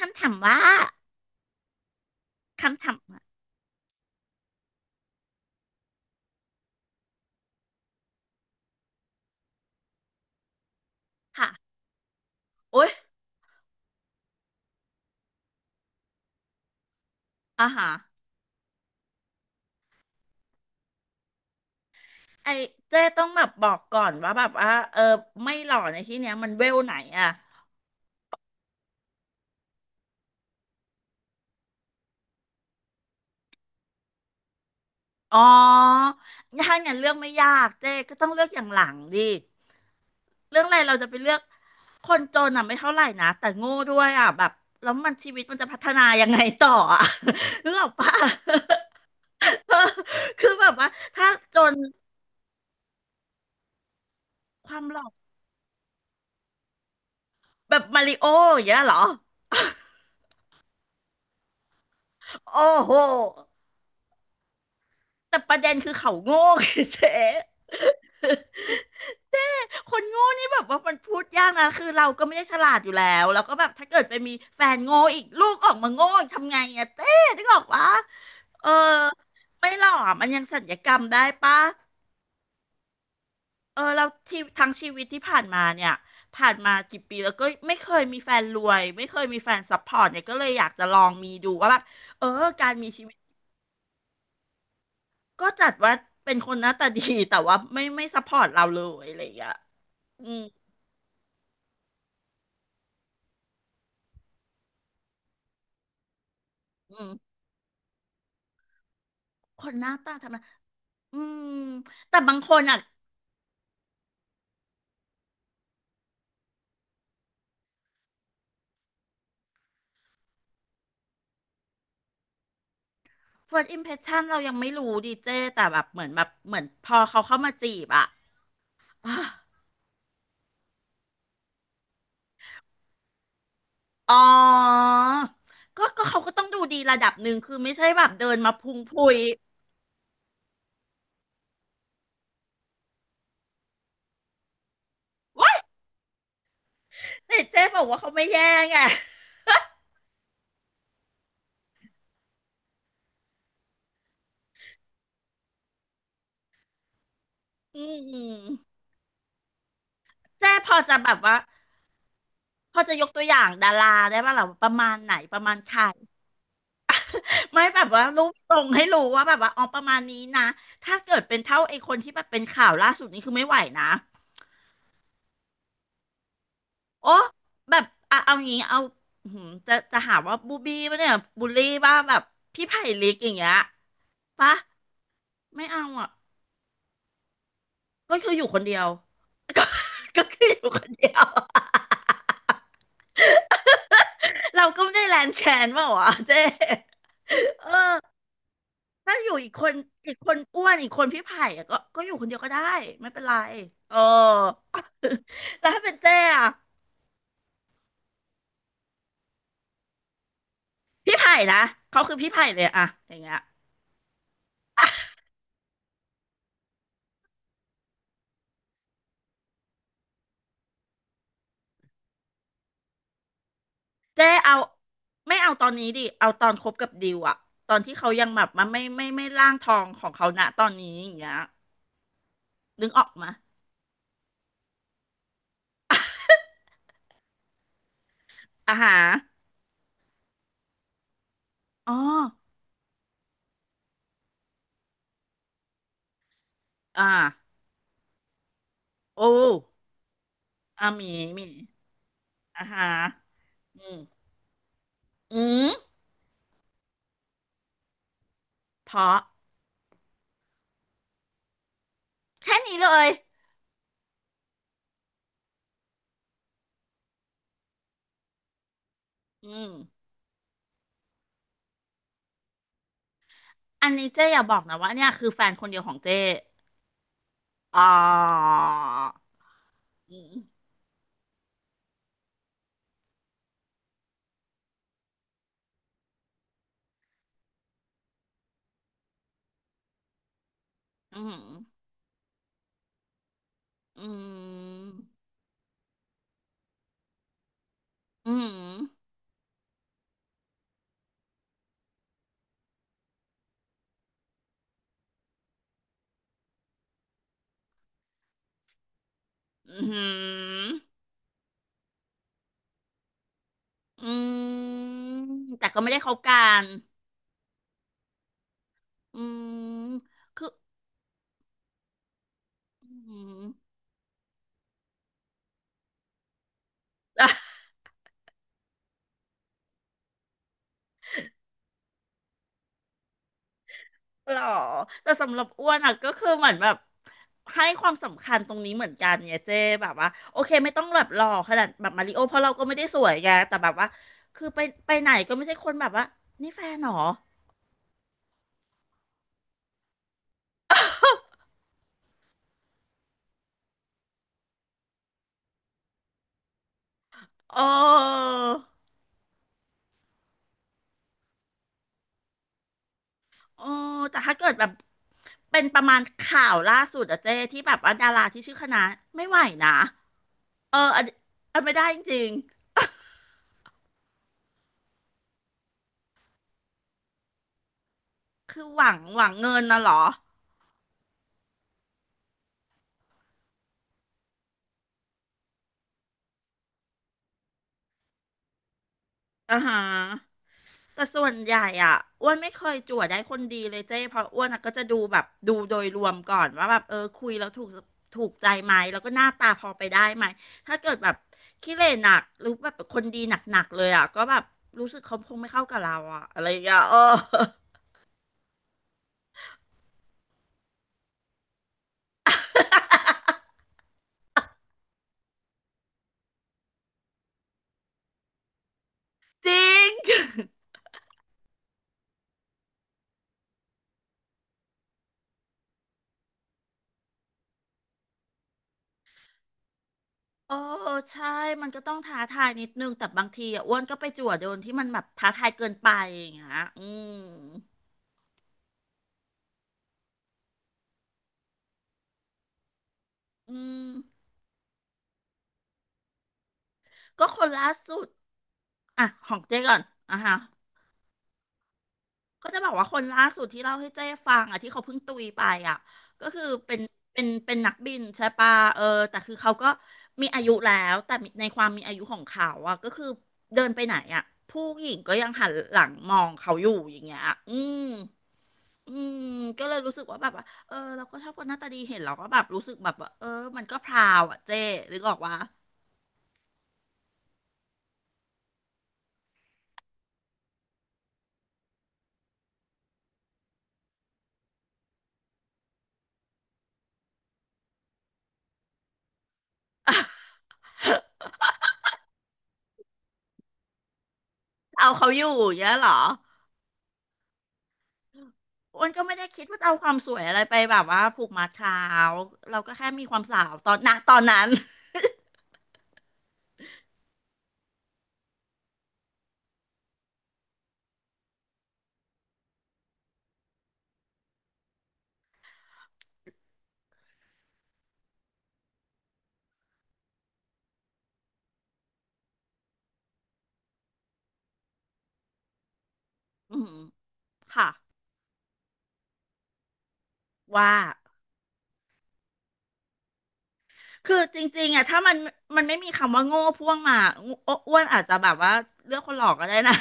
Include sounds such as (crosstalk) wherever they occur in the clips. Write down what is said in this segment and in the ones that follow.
คำถามว่าคำถามค่ะโอ๊ยอ่าฮะไอเจ้ต้องแบบบอกก่อนว่าแบบว่าไม่หล่อในที่เนี้ยมันเวลไหนอ่ะอ๋อถ้างั้นเลือกไม่ยากเจ้ก็ต้องเลือกอย่างหลังดิเรื่องอะไรเราจะไปเลือกคนจนอ่ะไม่เท่าไหร่นะแต่โง่ด้วยอ่ะแบบแล้วมันชีวิตมันจะพัฒนายังไงต่ออ่ะ (laughs) นึกออกปะ (laughs) คือแบบว่าถ้าจนความหล่อแบบมาริโออย่างเงี้ยเหรอโอ้โห แต่ประเด็นคือเขาโง่ไงเจ๊ (laughs) คนโง่นี่แบบว่ามันพูดยากนะคือเราก็ไม่ได้ฉลาดอยู่แล้วแล้วก็แบบถ้าเกิดไปมีแฟนโง่อีกลูกออกมาโง่อีกทำไงอะเต้นึกออกวะเออไม่หรอกมันยังสัญญกรรมได้ปะเออเราที่ทั้งชีวิตที่ผ่านมาเนี่ยผ่านมากี่ปีแล้วก็ไม่เคยมีแฟนรวยไม่เคยมีแฟนซัพพอร์ตเนี่ยก็เลยอยากจะลองมีดูว่าแบบเออการมีชีวิตก็จัดว่าเป็นคนหน้าตาดีแต่ว่าไม่ซัพพอร์ตเราเลยอะไรอย่างเงี้ย อืมอืมคนหน้าตาทำไมอืมแต่บางคนอ่ะ first impression เรายังไม่รู้ดีเจแต่แบบเหมือนพอเขาเข้ามาจีบอ่ะ (gasps) อ่ะอ๋อก็เขาก็ต้องดูดีระดับหนึ่งคือไม่ใช่แบบเดินมาพุงพุยว้ายแต่เจ๊บอกว่าเขาไม่แย่ไงอืมอืมเจ๊พอจะแบบว่าพอจะยกตัวอย่างดาราได้ป่ะหรอประมาณไหนประมาณใคร ไม่แบบว่ารูปทรงให้รู้ว่าแบบว่าอ๋อประมาณนี้นะถ้าเกิดเป็นเท่าไอ้คนที่แบบเป็นข่าวล่าสุดนี้คือไม่ไหวนะโอ้แบบอ่ะเอางี้เอาอื้อหือจะหาว่าบูบี้ปะเนี่ยบูลลี่ว่าแบบพี่ไผ่ลิกอย่างเงี้ยปะไม่เอาอ่ะก็คืออยู่คนเดียว (laughs) ก็ก็คืออยู่คนเดียว (laughs) เราก็ไม่ได้แลนแคนเปล่าวะเจ๊เออ ถ้าอยู่อีกคนอีกคนอ้วนอีกคนพี่ไผ่อะก็อยู่คนเดียวก็ได้ไม่เป็นไรเออ (laughs) แล้วถ้าเป็นเจ้อะพี่ไผ่นะเขาคือพี่ไผ่เลยอะอย่างเงี้ยเจ้เอาไม่เอาตอนนี้ดิเอาตอนคบกับดิวอะตอนที่เขายังแบบมันไม่ร่างทองของเขาณตอนนี้อย่างเงี้ยนึกออกมาอาหาอ๋ออ่าโอ้อาหมีหมีอาหาอืมอืมเพราะแค่นี้เลยอืม อันนี้เจ๊อย่าบอกนะว่าเนี่ยคือแฟนคนเดียวของเจ๊อ๋ออืมอืมอืมอืมอืมอืมแต่ก็ไม่ได้เขากันอืมคืออืม (laughs) หรอแต่สำหรับอ้วนอ่ะก็คือเหมือนแบบให้ความสำคัญตรงนี้เหมือนกันไงเจ๊แบบว่าโอเคไม่ต้องแบบหล่อขนาดแบบมาริโอเพราะเราก็ไม่ได้สวยไงแต่แบบว่าคือไปไหนก็ไม่ใช่คนแบบว่านี่แฟนเหรอ เออเออแต่ถ้าเกิดแบบเป็นประมาณข่าวล่าสุดอะเจ้ที่แบบว่าดาราที่ชื่อคณะไม่ไหวนะ เอออันอันไม่ได้จริงๆ คือหวังเงินนะเหรออ่าฮะแต่ส่วนใหญ่อ่ะอ้วนไม่เคยจั่วได้คนดีเลยเจ้เพราะอ้วนอะก็จะดูแบบดูโดยรวมก่อนว่าแบบเออคุยแล้วถูกใจไหมแล้วก็หน้าตาพอไปได้ไหมถ้าเกิดแบบขี้เหร่หนักหรือแบบคนดีหนักๆเลยอ่ะก็แบบรู้สึกเขาคงไม่เข้ากับเราอ่ะอะไรอย่างเงี้ยเออ จริง (laughs) โอ้ใช่มันก็ต้องท้าทายนิดนึงแต่บางทีอ่ะอ้วนก็ไปจั่วโดนที่มันแบบท้าทายเกินไปอย่างเงี้ยอืมอืมก็คนล่าสุดอ่ะของเจ๊ก่อนอ่ะฮะก็จะบอกว่าคนล่าสุดที่เล่าให้เจ๊ฟังอ่ะที่เขาเพิ่งตุยไปอ่ะก็คือเป็นเป็นนักบินใช่ปะเออแต่คือเขาก็มีอายุแล้วแต่ในความมีอายุของเขาอ่ะก็คือเดินไปไหนอ่ะผู้หญิงก็ยังหันหลังมองเขาอยู่อย่างเงี้ยอืม อืมก็เลยรู้สึกว่าแบบว่าเออเราก็ชอบคนหน้าตาดีเห็นเราก็แบบรู้สึกแบบว่าเออมันก็พราวอ่ะเจ๊นึกออกว่าเอาเขาอยู่อย่างเงี้ยเหรออ้วนก็ไม่ได้คิดว่าจะเอาความสวยอะไรไปแบบว่าผูกมัดเขาเราก็แค่มีความสาวตอนนั้น (laughs) อืมค่ะว่า คือจริงๆอ่ะถ้ามันไม่มีคำว่าโง่พ่วงมาอ้วนอาจจะแบบว่าเลือกคนหลอกก็ได้นะ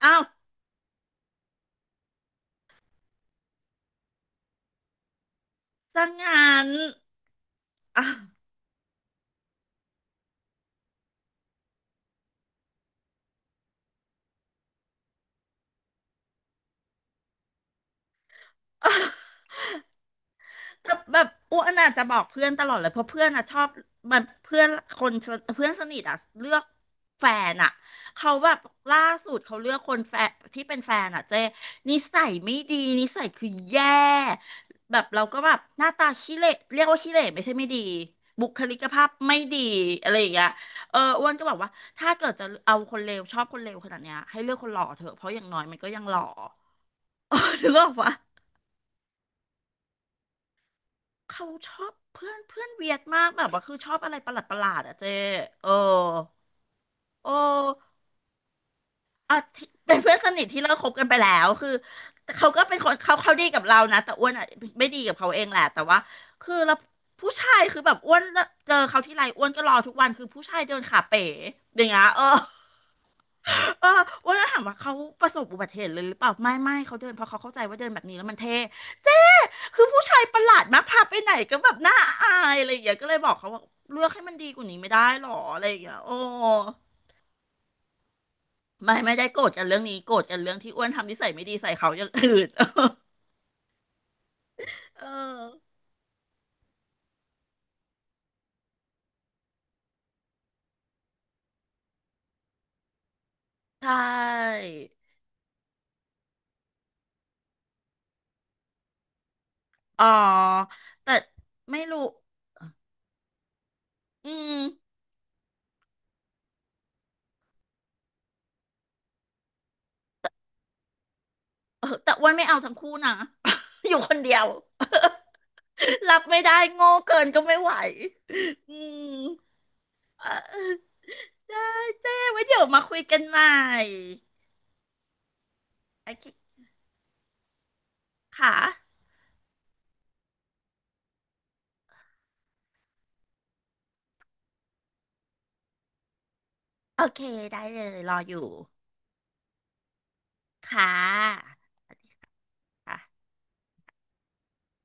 (laughs) อ้าวซะงั้น (laughs) อ่ะ แต่แบบอ้วนอาจจะบอกเพื่อนตลอดเลยเพราะเพื่อนอ่ะชอบมันเพื่อนคนสเพื่อนสนิทอ่ะเลือกแฟนอ่ะเขาแบบล่าสุดเขาเลือกคนแฟนที่เป็นแฟนอ่ะเจ๊นิสัยไม่ดีนิสัยคือแย่แบบเราก็แบบหน้าตาขี้เหร่เรียกว่าขี้เหร่ไม่ใช่ไม่ดีบุคลิกภาพไม่ดีอะไรอย่างเงี้ยเอออ้วนก็บอกว่าถ้าเกิดจะเอาคนเลวชอบคนเลวขนาดเนี้ยให้เลือกคนหล่อเถอะเพราะอย่างน้อยมันก็ยังหล่อ (laughs) เึออกป เขาชอบเพื่อนเพื่อนเวียดมากแบบว่าคือชอบอะไรประหลาดอะเจเออโอ้อ่ะที่ (laughs) เป็นเพื่อนสนิทที่เลิกคบกันไปแล้วคือเขาก็เป็นคนเขาดีกับเรานะแต่อ้วนอ่ะไม่ดีกับเขาเองแหละแต่ว่าคือเราผู้ชายคือแบบอ้วนเจอเขาที่ไรอ้วนก็รอทุกวันคือผู้ชายเดินขาเป๋อย่างเงี้ยเออเอออ้วนก็ถามว่าเขาประสบอุบัติเหตุเลยหรือเปล่าไม่เขาเดินเพราะเขาเข้าใจว่าเดินแบบนี้แล้วมันเท่ คือผู้ชายประหลาดมากพาไปไหนก็แบบน่าอายอะไรอย่างเงี้ยก็เลยบอกเขาว่าเลือกให้มันดีกว่านี้ไม่ได้หรออะไรอย่างเงี้ยโอ้ไม่ได้โกรธกันเรื่องนี้โกรธกันเรื่องที่อ้วนทำนิสัยไม่ดีใส่เขาอย่างอื่น (laughs) เออใช่อ๋อแต่ไม่รู้อืมเออแต่อ้วนไม่เอาทั้งคู่นะ (laughs) อยู่คนเดียว (laughs) รับไม่ได้โง่เกินก็ไม่ไหวอืมเออได้เจ้ไว้เดี๋ยวมาคุยกันใหม่โอเคค่ะ โอเคได้เลยรออยู่ค่ะค่ะ